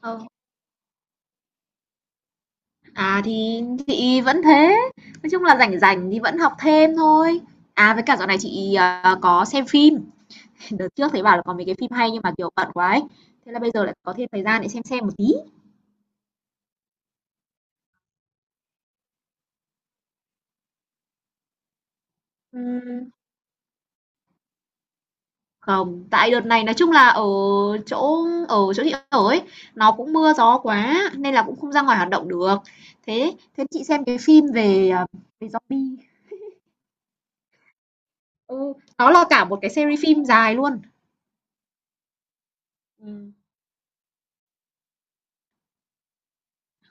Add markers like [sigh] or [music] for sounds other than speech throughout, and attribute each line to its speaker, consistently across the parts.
Speaker 1: Ờ, thì chị vẫn thế, nói chung là rảnh rảnh thì vẫn học thêm thôi. À, với cả dạo này chị, có xem phim, [laughs] đợt trước thấy bảo là có mấy cái phim hay nhưng mà, kiểu, bận quá ấy, thế là bây giờ lại có thêm thời gian để xem một tí. Ừm, Không, tại đợt này nói chung là ở chỗ chị ở ấy, nó cũng mưa gió quá nên là cũng không ra ngoài hoạt động được. Thế thế chị xem cái phim về zombie, ừ, nó là cả một cái series phim dài luôn. Ừm.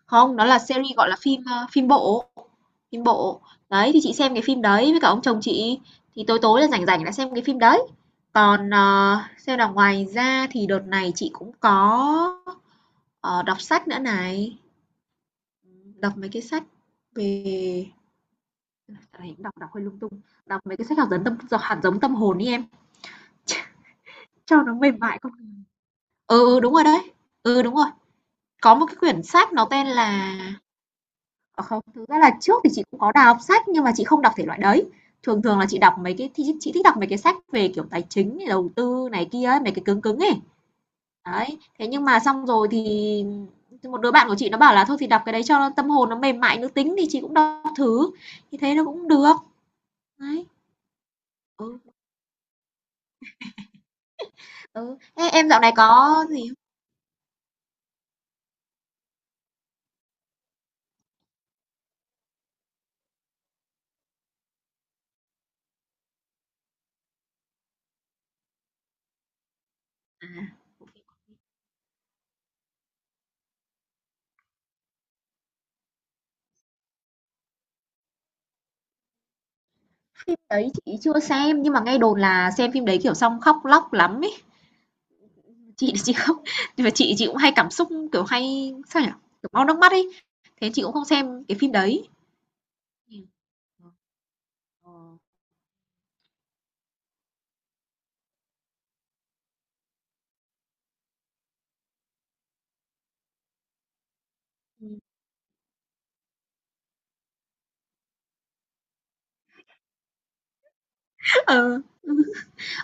Speaker 1: Không, nó là series, gọi là, phim bộ, phim bộ. Đấy, thì chị xem cái phim đấy với cả ông chồng chị, thì tối tối là rảnh rảnh là xem cái phim đấy. Còn, xem là ngoài ra thì đợt này chị cũng có, đọc sách nữa này, đọc mấy cái sách về dạo này cũng đọc đọc hơi lung tung, đọc mấy cái sách hạt giống tâm d hạt giống tâm hồn đi em, [laughs] cho nó mềm mại con. Ừ, ừ, đúng rồi đấy. Ừ, đúng rồi. Có một cái quyển sách nó tên là. À, không, thực ra là trước thì chị cũng có đà đọc sách nhưng mà chị không đọc thể loại đấy. Thường thường là chị đọc mấy cái thì chị thích đọc mấy cái sách về, kiểu, tài chính này, đầu tư này kia ấy, mấy cái cứng cứng ấy. Đấy, thế nhưng mà xong rồi thì một đứa bạn của chị nó bảo là thôi thì đọc cái đấy cho tâm hồn nó mềm mại nữ tính thì chị cũng đọc thử, thì thế nó cũng được. Đấy, ừ, ừ. Thế em dạo này có gì không? À, phim đấy chị chưa xem nhưng mà nghe đồn là xem phim đấy, kiểu, xong khóc lóc lắm ý. Chị không, nhưng mà chị cũng hay cảm xúc, kiểu, hay, sao nhỉ, kiểu, mau nước mắt ấy, thế chị cũng không xem cái phim đấy. Ờ, ờ. [laughs] Ừ.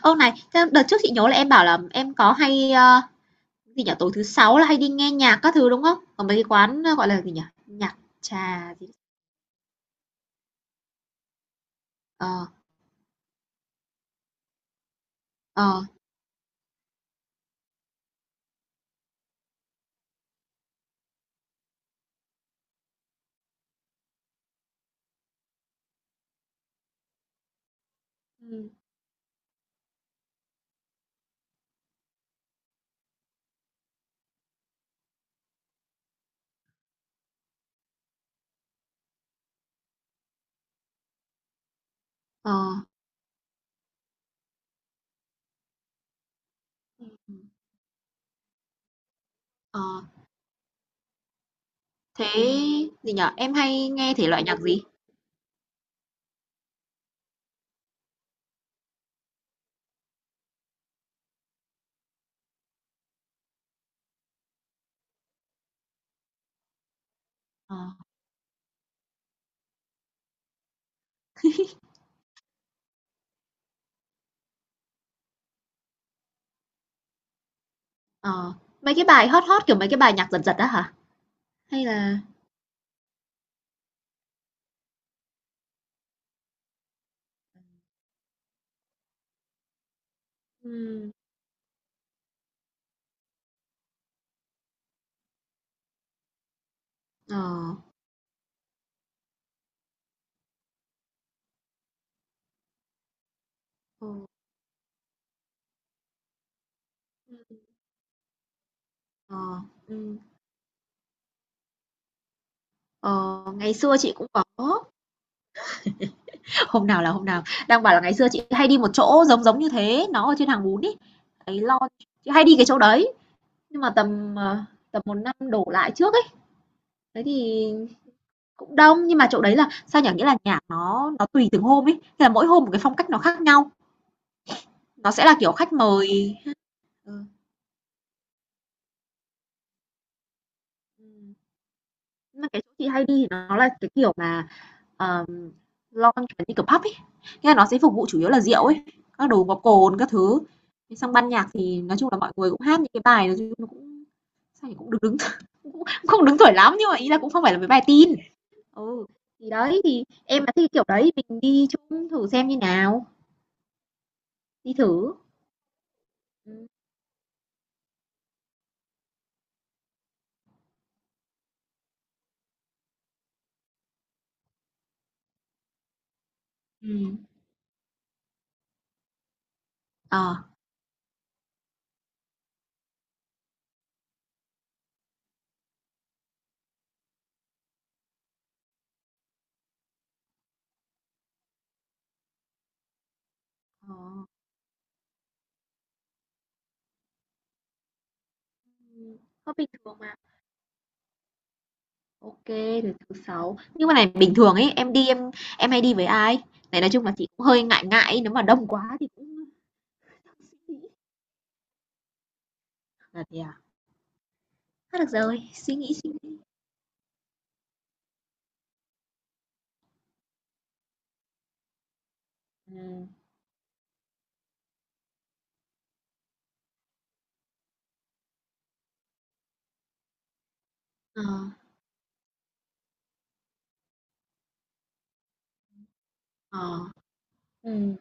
Speaker 1: Ô, này, thế đợt trước chị nhớ là em bảo là em có hay, gì nhỉ, tối thứ Sáu là hay đi nghe nhạc các thứ, đúng không? Ở mấy cái quán, gọi là gì nhỉ, nhạc trà gì. Ờ, ờ, ừm, ờ, ừm, ờ. Thế gì nhỉ, em hay nghe thể loại nhạc gì? Ờ, ờ, mấy cái bài hot hot, kiểu, mấy cái bài nhạc giật giật á hả? Hay là ừm, ờ. Ừ. Ừm, ờ, ừm, ờ, ngày xưa chị cũng có. [laughs] Hôm nào là hôm nào, đang bảo là ngày xưa chị hay đi một chỗ giống giống như thế, nó ở trên Hàng Bún ấy, cái lon, chị hay đi cái chỗ đấy, nhưng mà tầm một năm đổ lại trước ấy, thế thì cũng đông, nhưng mà chỗ đấy là, sao nhỉ, nghĩa là nhạc nó tùy từng hôm ấy, thế là mỗi hôm một cái phong cách nó khác nhau, nó sẽ là kiểu khách mời. Ừ, ừm, nhưng mà cái chỗ chị hay đi thì nó là cái kiểu mà Ờm, lounge kiểu như kiểu pub ấy, nghĩa là nó sẽ phục vụ chủ yếu là rượu ấy, các đồ có cồn các thứ. Thế xong ban nhạc thì nói chung là mọi người cũng hát những cái bài nói chung nó cũng sao nhỉ, cũng được đứng [laughs] cũng không đứng tuổi lắm nhưng mà ý là cũng không phải là mấy bài tin. Ừ, thì đấy, thì em mà thích kiểu đấy mình đi chung thử xem như nào, đi thử. Ừ. Ờ, ờ, có bình thường mà. OK, rồi thứ Sáu. Nhưng mà này bình thường ấy, em đi em hay đi với ai? Này nói chung là chị cũng hơi ngại ngại ấy, nếu mà đông quá thì cũng suy nghĩ. À, thế à? Thoát được rồi, suy nghĩ, suy nghĩ. Ừm. Ờ, ờ. Ừm,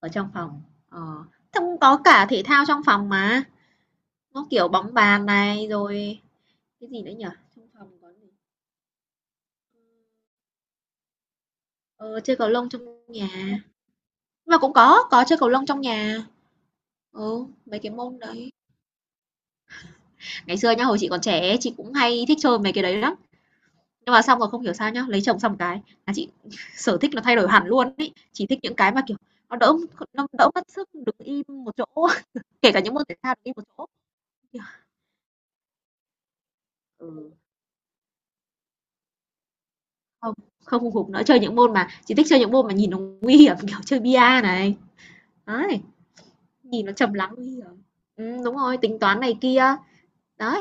Speaker 1: ở trong phòng, ờ. Thế cũng có cả thể thao trong phòng mà, nó, kiểu, bóng bàn này, rồi cái gì nữa nhỉ? Trong phòng có gì? Ờ, chơi cầu lông trong nhà. Nhưng mà cũng có chơi cầu lông trong nhà. Ừ, mấy cái môn đấy. Ngày xưa nhá, hồi chị còn trẻ ấy, chị cũng hay thích chơi mấy cái đấy lắm. Nhưng mà xong rồi không hiểu sao nhá, lấy chồng xong cái là chị [laughs] sở thích nó thay đổi hẳn luôn ấy. Chị thích những cái mà, kiểu, nó đỡ nó đỡ mất sức đứng im một chỗ. Kể cả những môn thể thao đi một chỗ. Ừ. Không, không hùng hục nữa, chơi những môn mà chỉ thích chơi những môn mà nhìn nó nguy hiểm, kiểu, chơi bia này, đấy, nhìn nó trầm lắng nguy hiểm. Đúng rồi, tính toán này kia, đấy.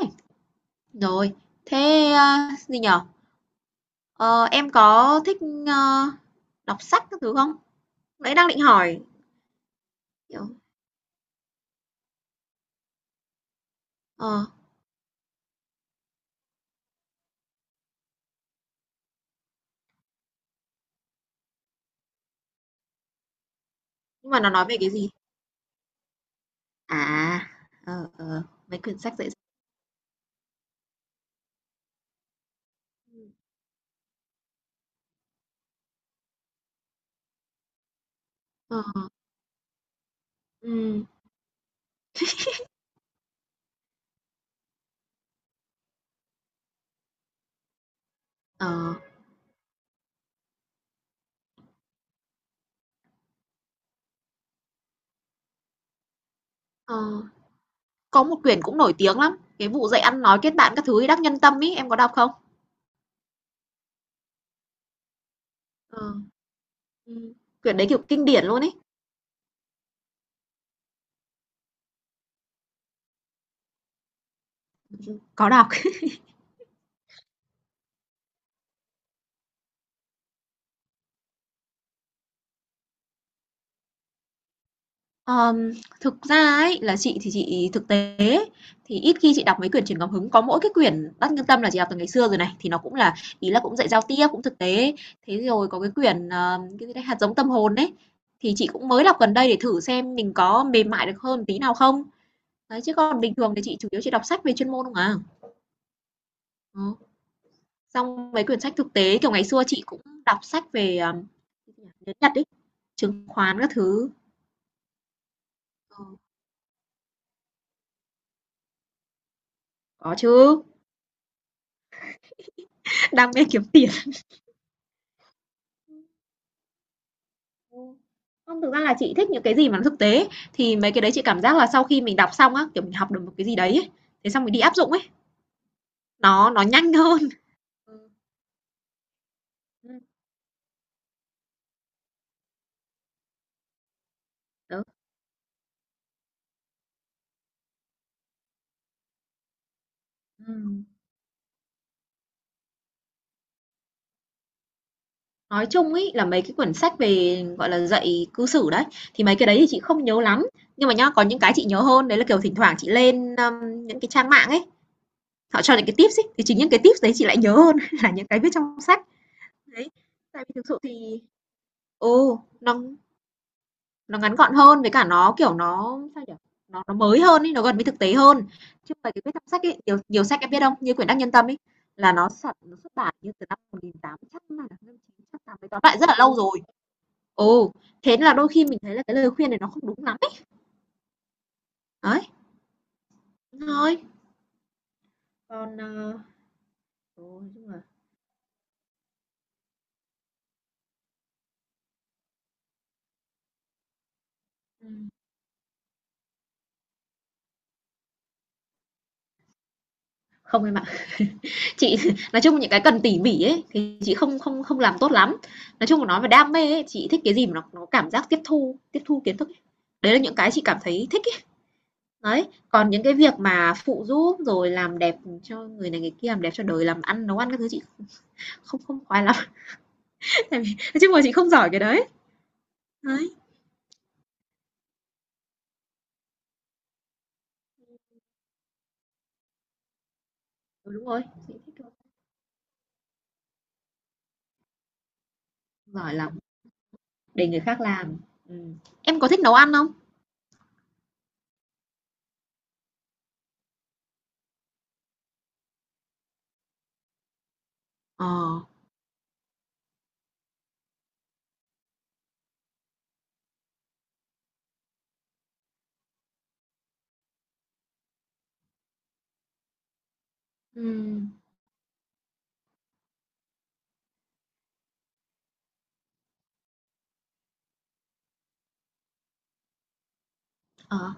Speaker 1: Rồi, thế, gì nhở. Ờ, em có thích, ơ, đọc sách các thứ không? Nãy đang định hỏi, kiểu ờ, nhưng mà nó nói về cái gì? À, mấy quyển sách dễ. Ừ, ờ, ừm, ờ, ờ. Có một quyển cũng nổi tiếng lắm, cái vụ dạy ăn nói kết bạn các thứ Đắc Nhân Tâm ấy, em có đọc không? Ờ, quyển đấy, kiểu, kinh điển luôn ấy. Có đọc. Ờm, Thực ra ấy, là chị thì chị thực tế thì ít khi chị đọc mấy quyển truyền cảm hứng, có mỗi cái quyển Đắc Nhân Tâm là chị đọc từ ngày xưa rồi này, thì nó cũng là ý là cũng dạy giao tiếp, cũng thực tế. Thế rồi có cái quyển, cái gì đấy, Hạt giống tâm hồn đấy thì chị cũng mới đọc gần đây để thử xem mình có mềm mại được hơn tí nào không. Đấy, chứ còn bình thường thì chị chủ yếu chị đọc sách về chuyên môn không à. Ờ. Xong mấy quyển sách thực tế, kiểu, ngày xưa chị cũng đọc sách về, tiếng Nhật ấy, chứng khoán các thứ. Ờ, có chứ, [laughs] đam mê kiếm tiền. Ừ. Không, thực ra là chị thích những cái gì mà nó thực tế, thì mấy cái đấy chị cảm giác là sau khi mình đọc xong á, kiểu, mình học được một cái gì đấy ấy, thế xong mình đi áp dụng ấy, nó nhanh [laughs] hơn. Ừm, đó, ừm. Nói chung ấy là mấy cái quyển sách về, gọi là, dạy cư xử đấy, thì mấy cái đấy thì chị không nhớ lắm, nhưng mà nhá, có những cái chị nhớ hơn, đấy là, kiểu, thỉnh thoảng chị lên, những cái trang mạng ấy, họ cho những cái tips ấy, thì chính những cái tips đấy chị lại nhớ hơn [laughs] là những cái viết trong sách. Đấy, tại vì thực sự thì ừ, nó nó ngắn gọn hơn với cả nó, kiểu, nó sao nhỉ? Nó mới hơn ấy, nó gần với thực tế hơn. Chứ không phải cái viết trong sách ấy, nhiều nhiều sách em biết không? Như quyển Đắc Nhân Tâm ấy, là nó xuất bản như từ năm 18 chắc là năm 1980, tóm lại rất là lâu rồi. Ừ, thế là đôi khi mình thấy là cái lời khuyên này nó không đúng lắm ấy. Đấy, thôi, còn, ừ, không em. Chị [laughs] nói chung những cái cần tỉ mỉ ấy, thì chị không không không làm tốt lắm. Nói chung mà nói về đam mê ấy, chị thích cái gì mà nó cảm giác tiếp thu kiến thức ấy. Đấy là những cái chị cảm thấy thích ấy. Đấy, còn những cái việc mà phụ giúp rồi làm đẹp cho người này người kia, làm đẹp cho đời, làm ăn, nấu ăn các thứ chị không không khoái lắm, [laughs] tại vì nói chung là chị không giỏi cái đấy. Đấy, ừ, đúng rồi, chị thích thôi. Không giỏi lắm, để người khác làm. Ừm. Em có thích nấu ăn không? Ờ, ừ ờ,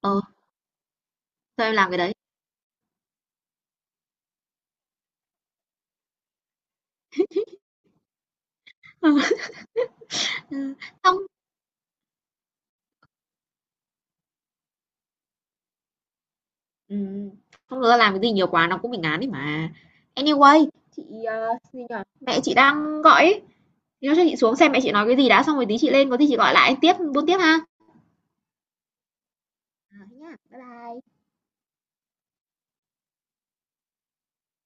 Speaker 1: ờ, thôi em làm cái đấy. [laughs] Ừ, không. Ừm, Không, thực ra làm cái gì nhiều quá nó cũng bị ngán ấy mà. Anyway, chị, gì nhỉ? Mẹ chị đang gọi ấy, thế thôi chắc chị xuống xem mẹ chị nói cái gì đã xong rồi tí chị lên có gì chị gọi lại tiếp buôn tiếp ha. Ờ, thế nhá. Bye bye.